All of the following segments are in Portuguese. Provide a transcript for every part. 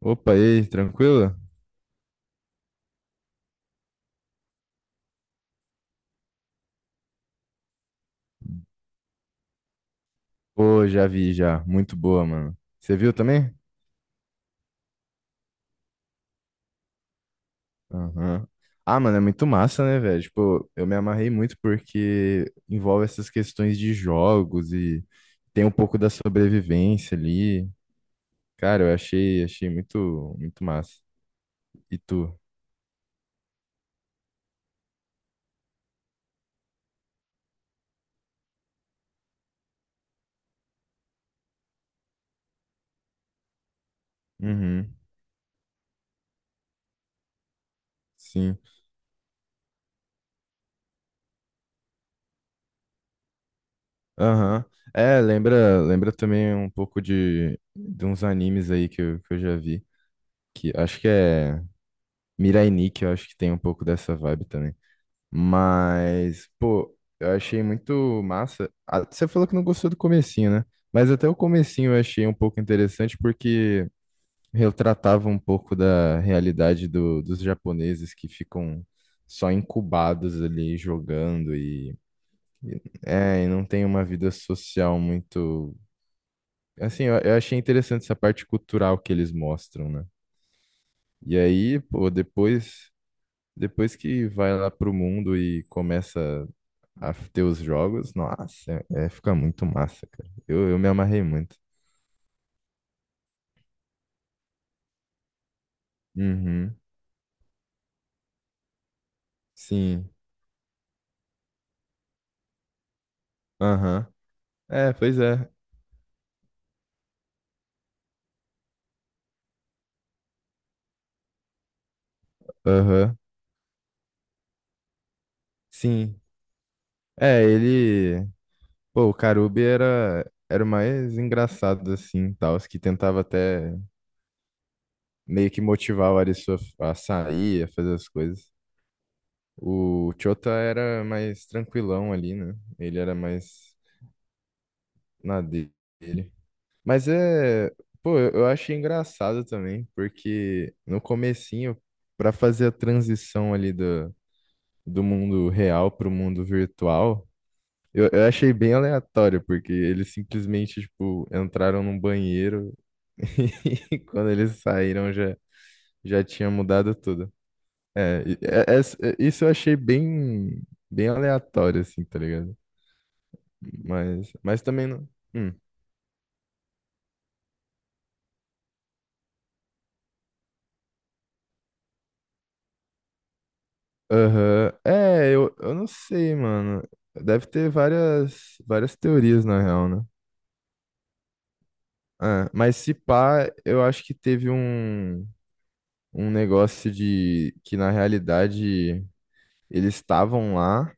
Opa, e aí, tranquilo? Pô, já vi já. Muito boa, mano. Você viu também? Aham. Ah, mano, é muito massa, né, velho? Tipo, eu me amarrei muito porque envolve essas questões de jogos e tem um pouco da sobrevivência ali. Cara, eu achei, achei muito, muito massa. E tu? Uhum. Sim. Aham. É, lembra também um pouco de uns animes aí que eu já vi. Que acho que é Mirai Nikki, eu acho que tem um pouco dessa vibe também. Mas, pô, eu achei muito massa. Ah, você falou que não gostou do comecinho, né? Mas até o comecinho eu achei um pouco interessante porque retratava um pouco da realidade dos japoneses que ficam só incubados ali jogando e- e não tem uma vida social muito. Assim, eu achei interessante essa parte cultural que eles mostram, né? E aí, pô, depois, depois que vai lá pro mundo e começa a ter os jogos, nossa, fica muito massa, cara. Eu me amarrei muito. Uhum, sim, aham. É, pois é, aham, sim. É, ele, pô, o Karubi era, era o mais engraçado, assim, tal, os que tentava até meio que motivar o Arisu a sair, a fazer as coisas. O Chota era mais tranquilão ali, né? Ele era mais na dele. Mas é, pô, eu achei engraçado também, porque no comecinho, pra fazer a transição ali do mundo real pro mundo virtual, eu achei bem aleatório, porque eles simplesmente, tipo, entraram num banheiro e quando eles saíram já, já tinha mudado tudo. É, isso eu achei bem, bem aleatório, assim, tá ligado? Mas também não. hum. Aham. É, eu não sei, mano. Deve ter várias, várias teorias, na real, né? É, mas se pá, eu acho que teve um, um negócio de que, na realidade, eles estavam lá,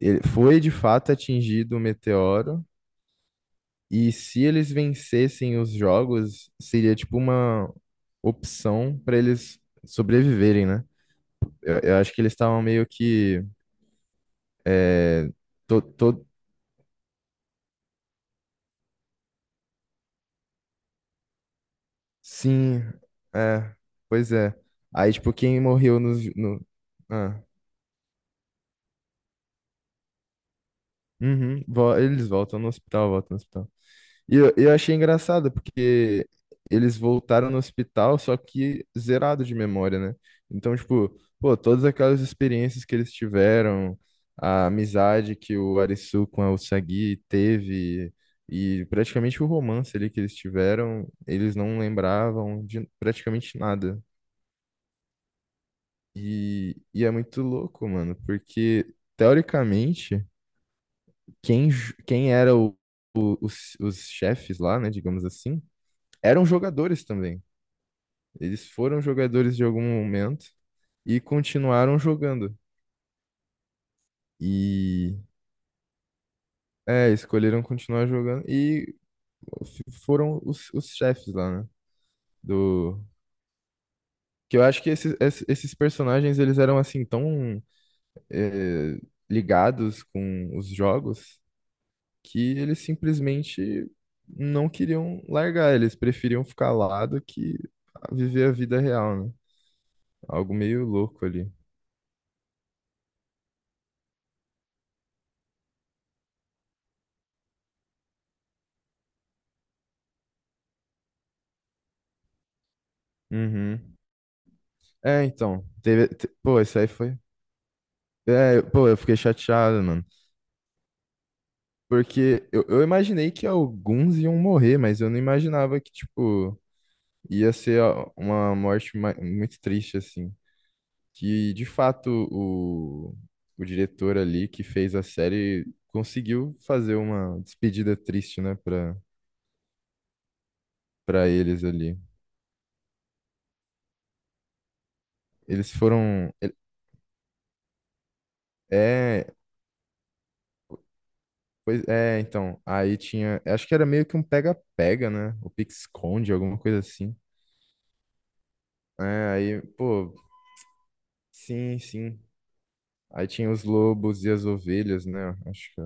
ele, foi de fato atingido o meteoro, e se eles vencessem os jogos, seria tipo uma opção pra eles sobreviverem, né? Eu acho que eles estavam meio que. é, to, to- Sim, é, pois é. Aí, tipo, quem morreu no, no... Ah, uhum, eles voltam no hospital, voltam no hospital. E eu achei engraçado, porque eles voltaram no hospital, só que zerado de memória, né? Então, tipo, pô, todas aquelas experiências que eles tiveram, a amizade que o Arisu com a Usagi teve, e praticamente o romance ali que eles tiveram, eles não lembravam de praticamente nada. E é muito louco, mano, porque teoricamente, quem era o, os chefes lá, né, digamos assim, eram jogadores também. Eles foram jogadores de algum momento e continuaram jogando. E é, escolheram continuar jogando e foram os chefes lá, né? Do. Que eu acho que esses, esses personagens eles eram assim tão eh, ligados com os jogos que eles simplesmente não queriam largar, eles preferiam ficar lá do que viver a vida real, né? Algo meio louco ali. Uhum. É, então, pô, isso aí foi. É, pô, eu fiquei chateado, mano. Porque eu imaginei que alguns iam morrer, mas eu não imaginava que, tipo, ia ser uma morte muito triste, assim. Que de fato o diretor ali que fez a série conseguiu fazer uma despedida triste, né, para para eles ali. Eles foram ele- é, pois é, então, aí tinha, acho que era meio que um pega-pega, né? O pique-esconde, alguma coisa assim. É, aí, pô, sim, sim. Aí tinha os lobos e as ovelhas, né?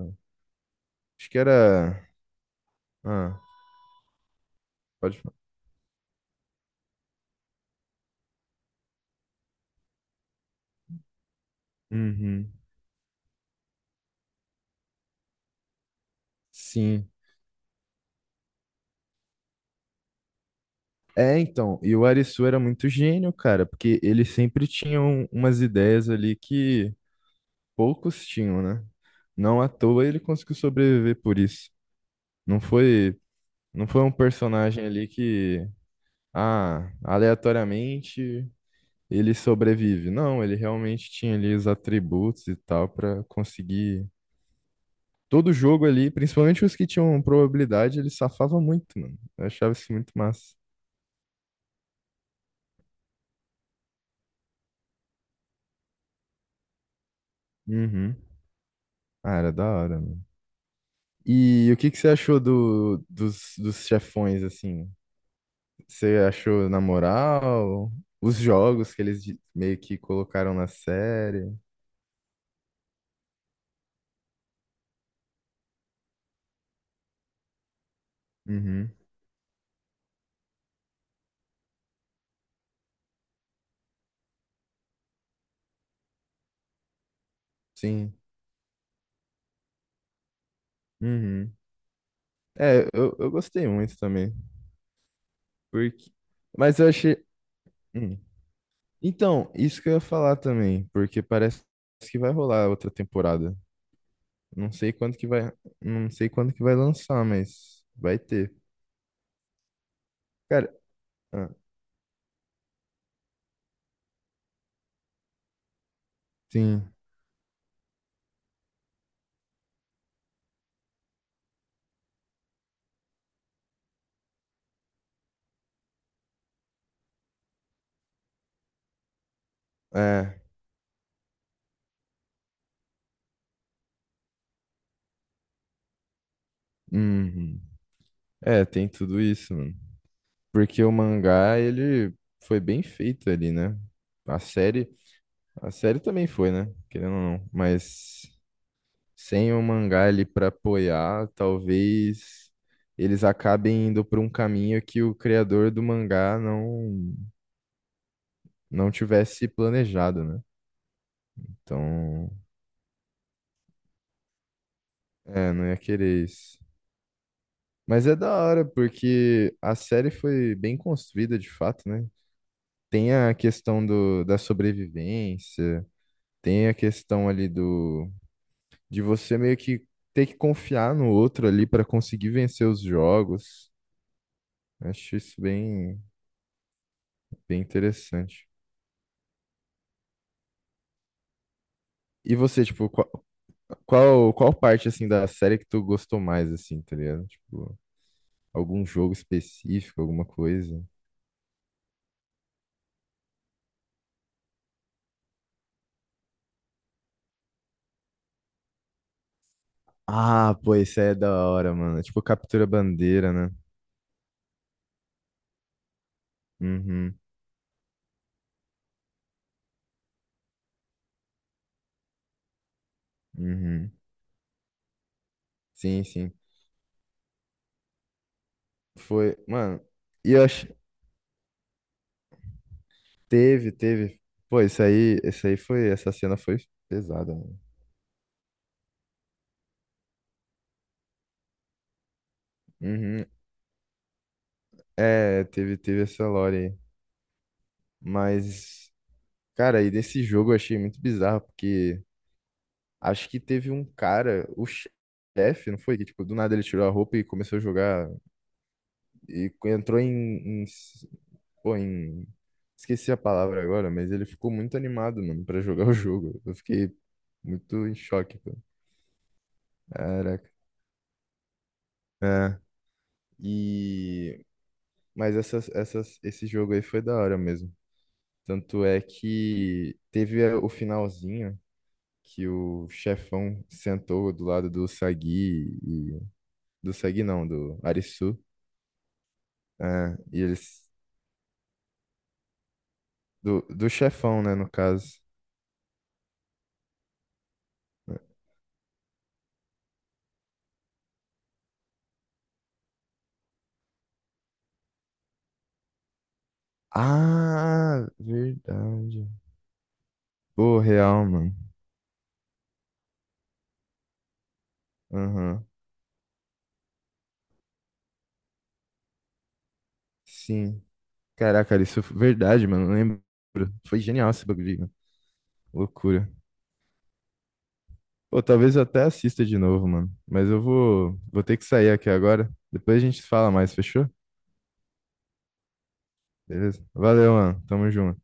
Acho que era, ah, pode falar. Uhum. Sim. É, então, e o Arisu era muito gênio, cara, porque ele sempre tinha umas ideias ali que poucos tinham, né? Não à toa ele conseguiu sobreviver por isso. Não foi, não foi um personagem ali que, ah, aleatoriamente ele sobrevive. Não, ele realmente tinha ali os atributos e tal pra conseguir todo jogo ali, principalmente os que tinham probabilidade, ele safava muito, mano. Eu achava isso muito massa. Uhum. Ah, era da hora. E o que que você achou do, dos, dos chefões, assim? Você achou na moral? Os jogos que eles meio que colocaram na série? Uhum, sim. Uhum. É, eu gostei muito também. Porque... Mas eu achei. Hum. Então, isso que eu ia falar também, porque parece que vai rolar outra temporada. Não sei quando que vai. Não sei quando que vai lançar, mas vai ter. Cara, ah, sim. É. Uhum. É, tem tudo isso, mano. Porque o mangá, ele foi bem feito ali, né? A série, a série também foi, né? Querendo ou não, mas sem o mangá ali pra apoiar, talvez eles acabem indo por um caminho que o criador do mangá não não tivesse planejado, né? Então, é, não ia querer isso. Mas é da hora, porque a série foi bem construída de fato, né? Tem a questão do, da sobrevivência. Tem a questão ali do de você meio que ter que confiar no outro ali para conseguir vencer os jogos. Acho isso bem, bem interessante. E você, tipo, qual, qual parte assim da série que tu gostou mais assim, tá ligado? Tipo, algum jogo específico, alguma coisa? Ah, pô, isso aí é da hora, mano. Tipo, captura bandeira, né? Uhum, uhum. Sim, sim. Foi, mano. E eu ach- Teve, teve. Pô, isso aí foi, essa cena foi pesada, mano. Uhum. É, teve, teve essa lore aí. Mas, cara, e desse jogo eu achei muito bizarro, porque acho que teve um cara, o chefe, não foi? Que, tipo, do nada ele tirou a roupa e começou a jogar, e entrou pô, em, esqueci a palavra agora, mas ele ficou muito animado, mano, pra jogar o jogo. Eu fiquei muito em choque, pô. Caraca. É. E... Mas essas, essas, esse jogo aí foi da hora mesmo. Tanto é que teve o finalzinho que o chefão sentou do lado do Sagi e do Sagi não, do Arisu. É, e eles do, do chefão, né, no caso. Ah, verdade. Pô, real, mano. Aham. Sim. Caraca, Arisu, verdade, mano, não lembro. Foi genial esse bagulho, mano. Loucura. Ou talvez eu até assista de novo, mano. Mas eu vou, vou ter que sair aqui agora. Depois a gente fala mais, fechou? Beleza? Valeu, mano. Tamo junto.